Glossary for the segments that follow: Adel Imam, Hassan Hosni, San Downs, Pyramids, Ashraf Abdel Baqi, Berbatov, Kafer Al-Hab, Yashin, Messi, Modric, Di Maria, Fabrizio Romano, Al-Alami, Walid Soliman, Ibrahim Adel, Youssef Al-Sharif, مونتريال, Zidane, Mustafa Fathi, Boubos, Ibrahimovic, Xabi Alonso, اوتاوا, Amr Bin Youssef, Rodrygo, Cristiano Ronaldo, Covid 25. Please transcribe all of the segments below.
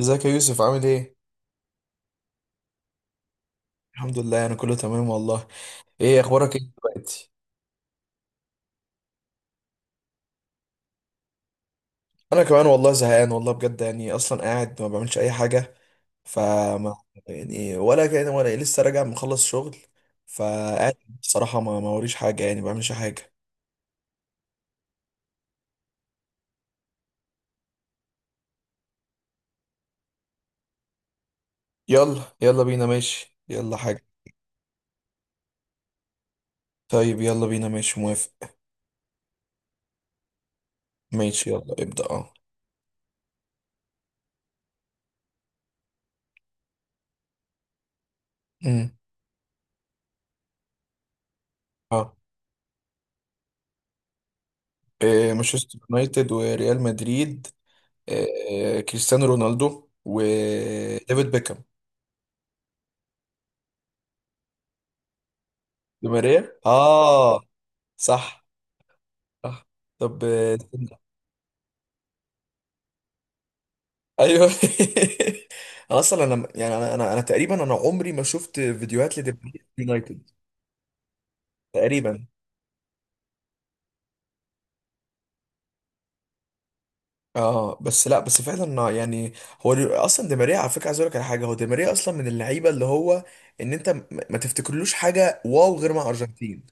ازيك يا يوسف، عامل ايه؟ الحمد لله، انا كله تمام والله. ايه اخبارك، ايه دلوقتي؟ انا كمان والله زهقان والله بجد، يعني اصلا قاعد ما بعملش اي حاجة. فما يعني ولا كده ولا إيه، لسه راجع مخلص شغل فقاعد. بصراحة ما وريش حاجة، يعني ما بعملش حاجة. يلا يلا بينا، ماشي يلا حاجة. طيب يلا بينا، ماشي موافق. ماشي، يلا ابدأ. اه. امم اه. إيه، مانشستر يونايتد وريال مدريد. إيه، كريستيانو رونالدو وديفيد بيكهام. دي ماريا، اه. صح. صح. طب، استنى. ايوه. انا اصلا، انا يعني انا تقريبا، انا عمري ما شفت فيديوهات لدي ماريا في يونايتد. تقريبا. اه، بس لا، بس فعلا يعني هو اصلا دي ماريا على فكره، عايز اقول لك على حاجه، هو دي ماريا اصلا من اللعيبه اللي هو ان انت ما تفتكرلوش حاجه واو غير مع ارجنتين.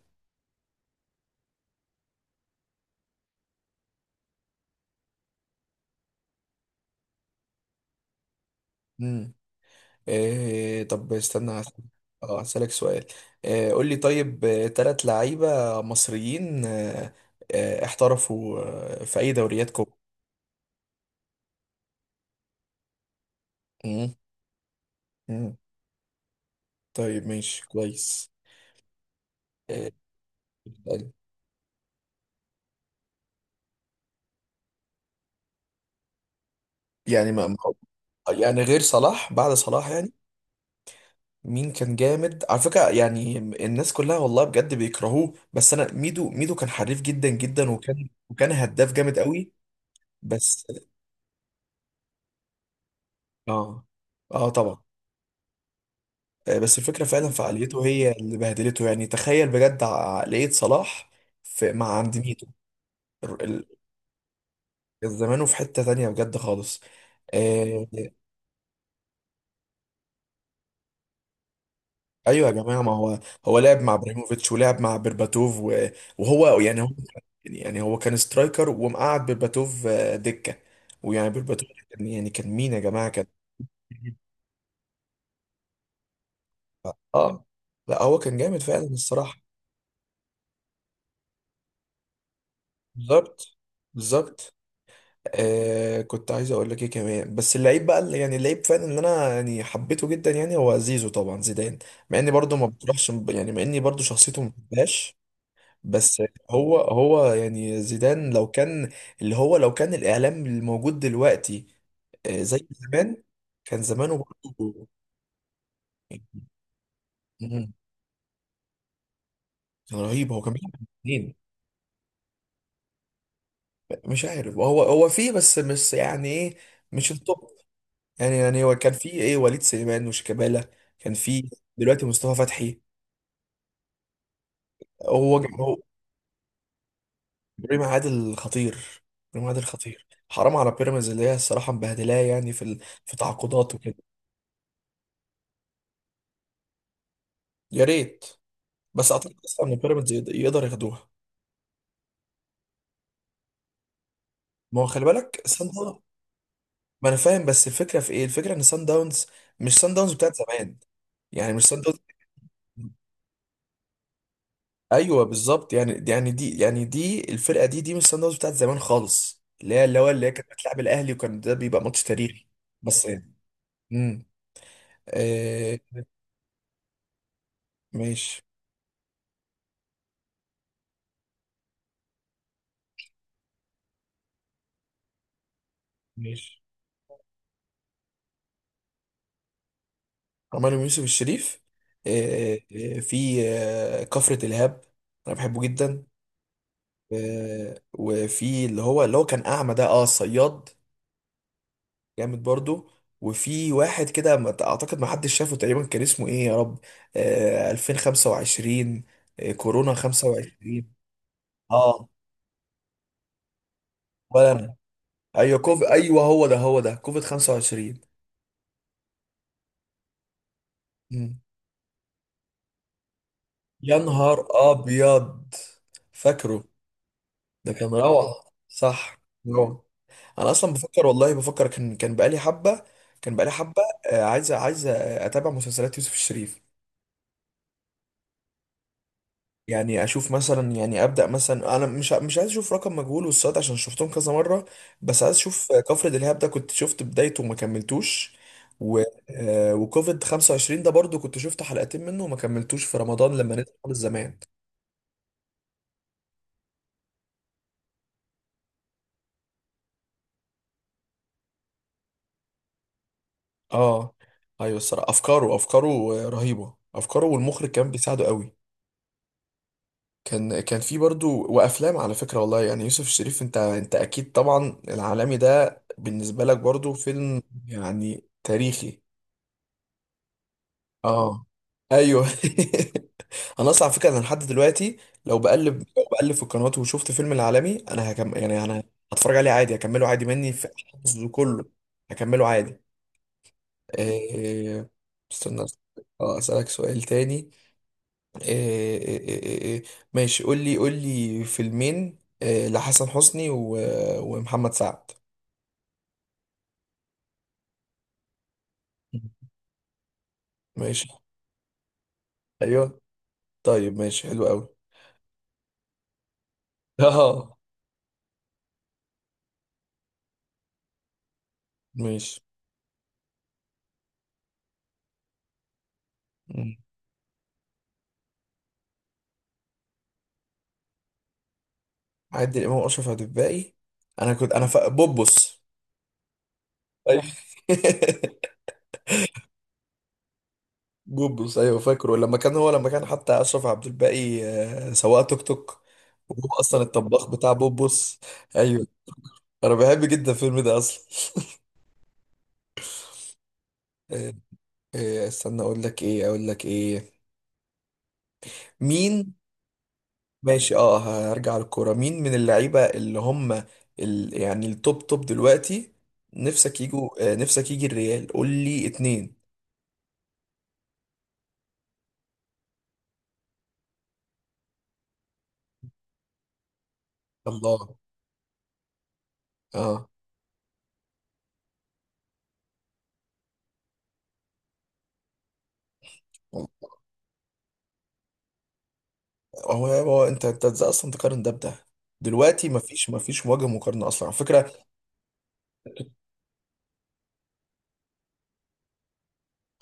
مم. إيه، طب استنى اه هسألك سؤال. إيه، قول لي طيب. ثلاث لعيبة مصريين احترفوا في أي دوريات كوب. مم، مم. طيب ماشي، كويس. إيه. يعني يعني غير صلاح، بعد صلاح يعني مين كان جامد؟ على فكرة، يعني الناس كلها والله بجد بيكرهوه، بس أنا ميدو، ميدو كان حريف جدا جدا، وكان هداف جامد قوي. بس اه، اه طبعا. بس الفكرة فعلا فعاليته هي اللي بهدلته، يعني تخيل بجد عقلية صلاح في مع عند ميدو. ال- ال- زمانه في حتة تانية بجد خالص. آه، ايوه يا جماعة. ما هو لعب مع ابراهيموفيتش، ولعب مع بيرباتوف وهو، يعني هو كان سترايكر، ومقعد بيرباتوف دكة. ويعني بيرباتوف يعني كان مين يا جماعة كان. اه، لا هو كان جامد فعلا الصراحة. بالظبط، بالظبط. كنت عايز اقول لك ايه كمان، بس اللعيب بقى اللي يعني اللعيب فعلا اللي انا يعني حبيته جدا يعني هو زيزو، طبعا زيدان. مع اني برضو ما بتروحش يعني، مع اني برضو شخصيته ما بحبهاش. بس هو يعني زيدان لو كان، اللي هو لو كان الاعلام الموجود دلوقتي زي زمان، كان زمانه برضو. مم. كان رهيب، هو كان بيلعب الاثنين. مش عارف، هو فيه بس مش يعني ايه، مش التوب. يعني هو كان في ايه وليد سليمان وشيكابالا، كان في دلوقتي مصطفى فتحي. هو ابراهيم عادل خطير. ابراهيم عادل خطير، حرام على بيراميدز اللي هي الصراحه مبهدلاه، يعني في في تعاقدات وكده. يا ريت. بس اعتقد اصلا ان بيراميدز يقدر ياخدوها. ما هو خلي بالك، سان داونز. ما انا فاهم، بس الفكره في ايه؟ الفكره ان سان داونز مش سان داونز بتاعت زمان، يعني مش سان داونز. ايوه، بالظبط. يعني، يعني دي، يعني دي الفرقه دي مش سان داونز بتاعت زمان خالص، اللي هي كانت بتلعب الاهلي، وكان ده بيبقى ماتش تاريخي. بس يعني. امم آه ماشي، ماشي. عمرو بن يوسف الشريف. في كفرة الهاب. انا بحبه جدا. وفي اللي هو كان اعمى ده، اه الصياد. جامد برضو. وفي واحد كده اعتقد ما حدش شافه تقريبا، كان اسمه ايه يا رب؟ 2025. كورونا 25. اه. ولا انا. ايوه ايوه، هو ده كوفيد 25. مم. يا نهار ابيض، فاكره. ده كان روعه، صح. روعه. انا اصلا بفكر والله، بفكر كان بقالي حبه، كان بقالي حبه. عايز اتابع مسلسلات يوسف الشريف. يعني اشوف مثلا، يعني ابدا مثلا انا مش عايز اشوف رقم مجهول والصاد عشان شفتهم كذا مره. بس عايز اشوف كفر دلهاب، ده كنت شفت بدايته وما كملتوش. و آه، وكوفيد 25 ده برضو كنت شفت حلقتين منه وما كملتوش في رمضان لما نزل خالص زمان. اه. ايوه، الصراحه افكاره، افكاره رهيبه، افكاره والمخرج كان بيساعده قوي. كان في برضو وافلام على فكره والله، يعني يوسف الشريف، انت اكيد طبعا العالمي ده بالنسبه لك برضو فيلم يعني تاريخي. اه. ايوه. انا اصلا على فكره انا لحد دلوقتي، لو بقلب في القنوات وشفت فيلم العالمي، انا هكم، يعني انا هتفرج عليه عادي، هكمله عادي، مني في حفظه كله، هكمله عادي. إيه، استنى. اه، اسالك سؤال تاني. إيه، إيه، إيه، إيه. ماشي، قول لي، قول لي فيلمين، إيه، لحسن حسني و، ومحمد سعد. ماشي. ايوه، طيب ماشي، حلو قوي. اه. ماشي. عادل امام واشرف عبد الباقي. انا كنت انا بوبوس. أيوة. بوبوس، ايوه فاكره لما كان هو، لما كان حتى اشرف عبد الباقي سواق توك توك، وهو اصلا الطباخ بتاع بوبوس. ايوه. انا بحب جدا الفيلم ده اصلا. آه، استنى، اقول لك ايه، اقول لك ايه، مين؟ ماشي، اه. هرجع للكوره. مين من اللعيبه اللي هم يعني التوب توب دلوقتي، نفسك يجوا آه، نفسك يجي الريال؟ قول لي اتنين. الله، اه. هو انت ازاي اصلا تقارن ده بده؟ دلوقتي مفيش وجه مقارنه اصلا على فكره.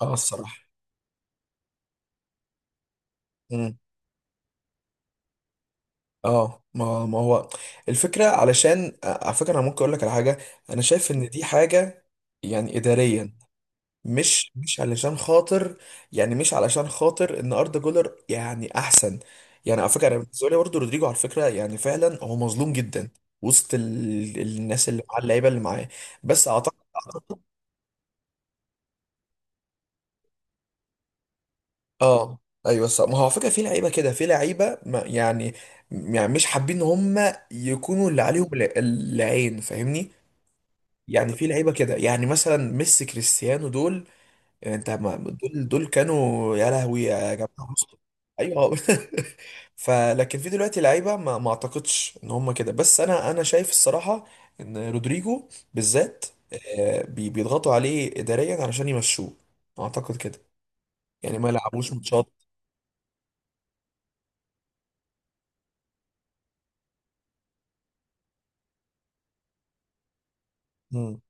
اه، الصراحه. امم اه. ما هو الفكره علشان على فكره، انا ممكن اقول لك على حاجه، انا شايف ان دي حاجه يعني اداريا. مش علشان خاطر، يعني مش علشان خاطر ان اردا جولر يعني احسن، يعني على فكره انا بالنسبه لي برضه رودريجو على فكره يعني فعلا هو مظلوم جدا وسط الناس اللي مع اللعيبه اللي معاه. بس. اه، ايوه صح. ما هو على فكره في لعيبه كده، في لعيبه يعني، يعني مش حابين ان هم يكونوا اللي عليهم العين، فاهمني؟ يعني في لعيبه كده يعني مثلا ميسي، كريستيانو، دول. يعني انت ما دول كانوا يا لهوي يا جماعه، بصوا. ايوه. فلكن في دلوقتي لعيبه ما اعتقدش ان هم كده، بس انا شايف الصراحه ان رودريجو بالذات بيضغطوا عليه اداريا علشان يمشوه. اعتقد كده، يعني ما يلعبوش ماتشات. مم.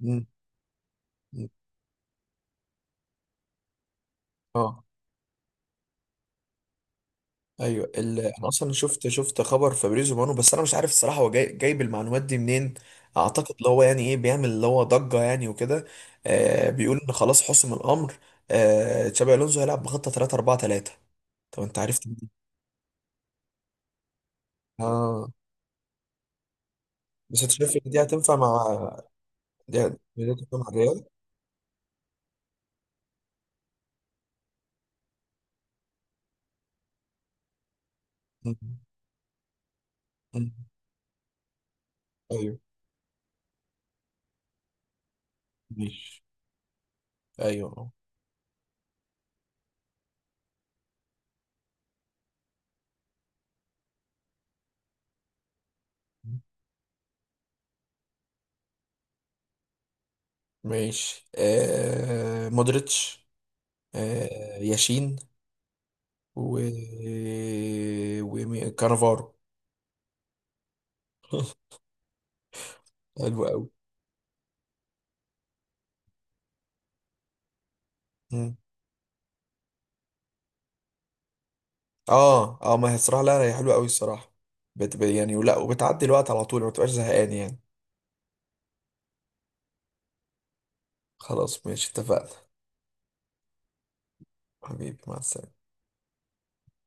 مم. مم. اه، ايوه انا اصلا شفت خبر فابريزو مانو، بس انا مش عارف الصراحه هو جاي جايب المعلومات دي منين. اعتقد اللي هو يعني ايه، بيعمل اللي هو ضجه يعني وكده. بيقول ان خلاص حسم الامر. تشابي الونزو هيلعب بخطه 3 4 3. طب انت عرفت منين؟ اه، بس انت شايف ان دي هتنفع مع دي هتنفع مع الريال؟ مم. مم. ايوه. ماشي، ايوه ماشي. مودريتش، ياشين، و وكانافارو. حلو قوي. مم. اه، اه. ما هي الصراحه، لا لا هي حلوه قوي الصراحه، بتبقى يعني ولا وبتعدي الوقت على طول، ما بتبقاش زهقان يعني. خلاص ماشي، اتفقنا. حبيبي مع السلامه.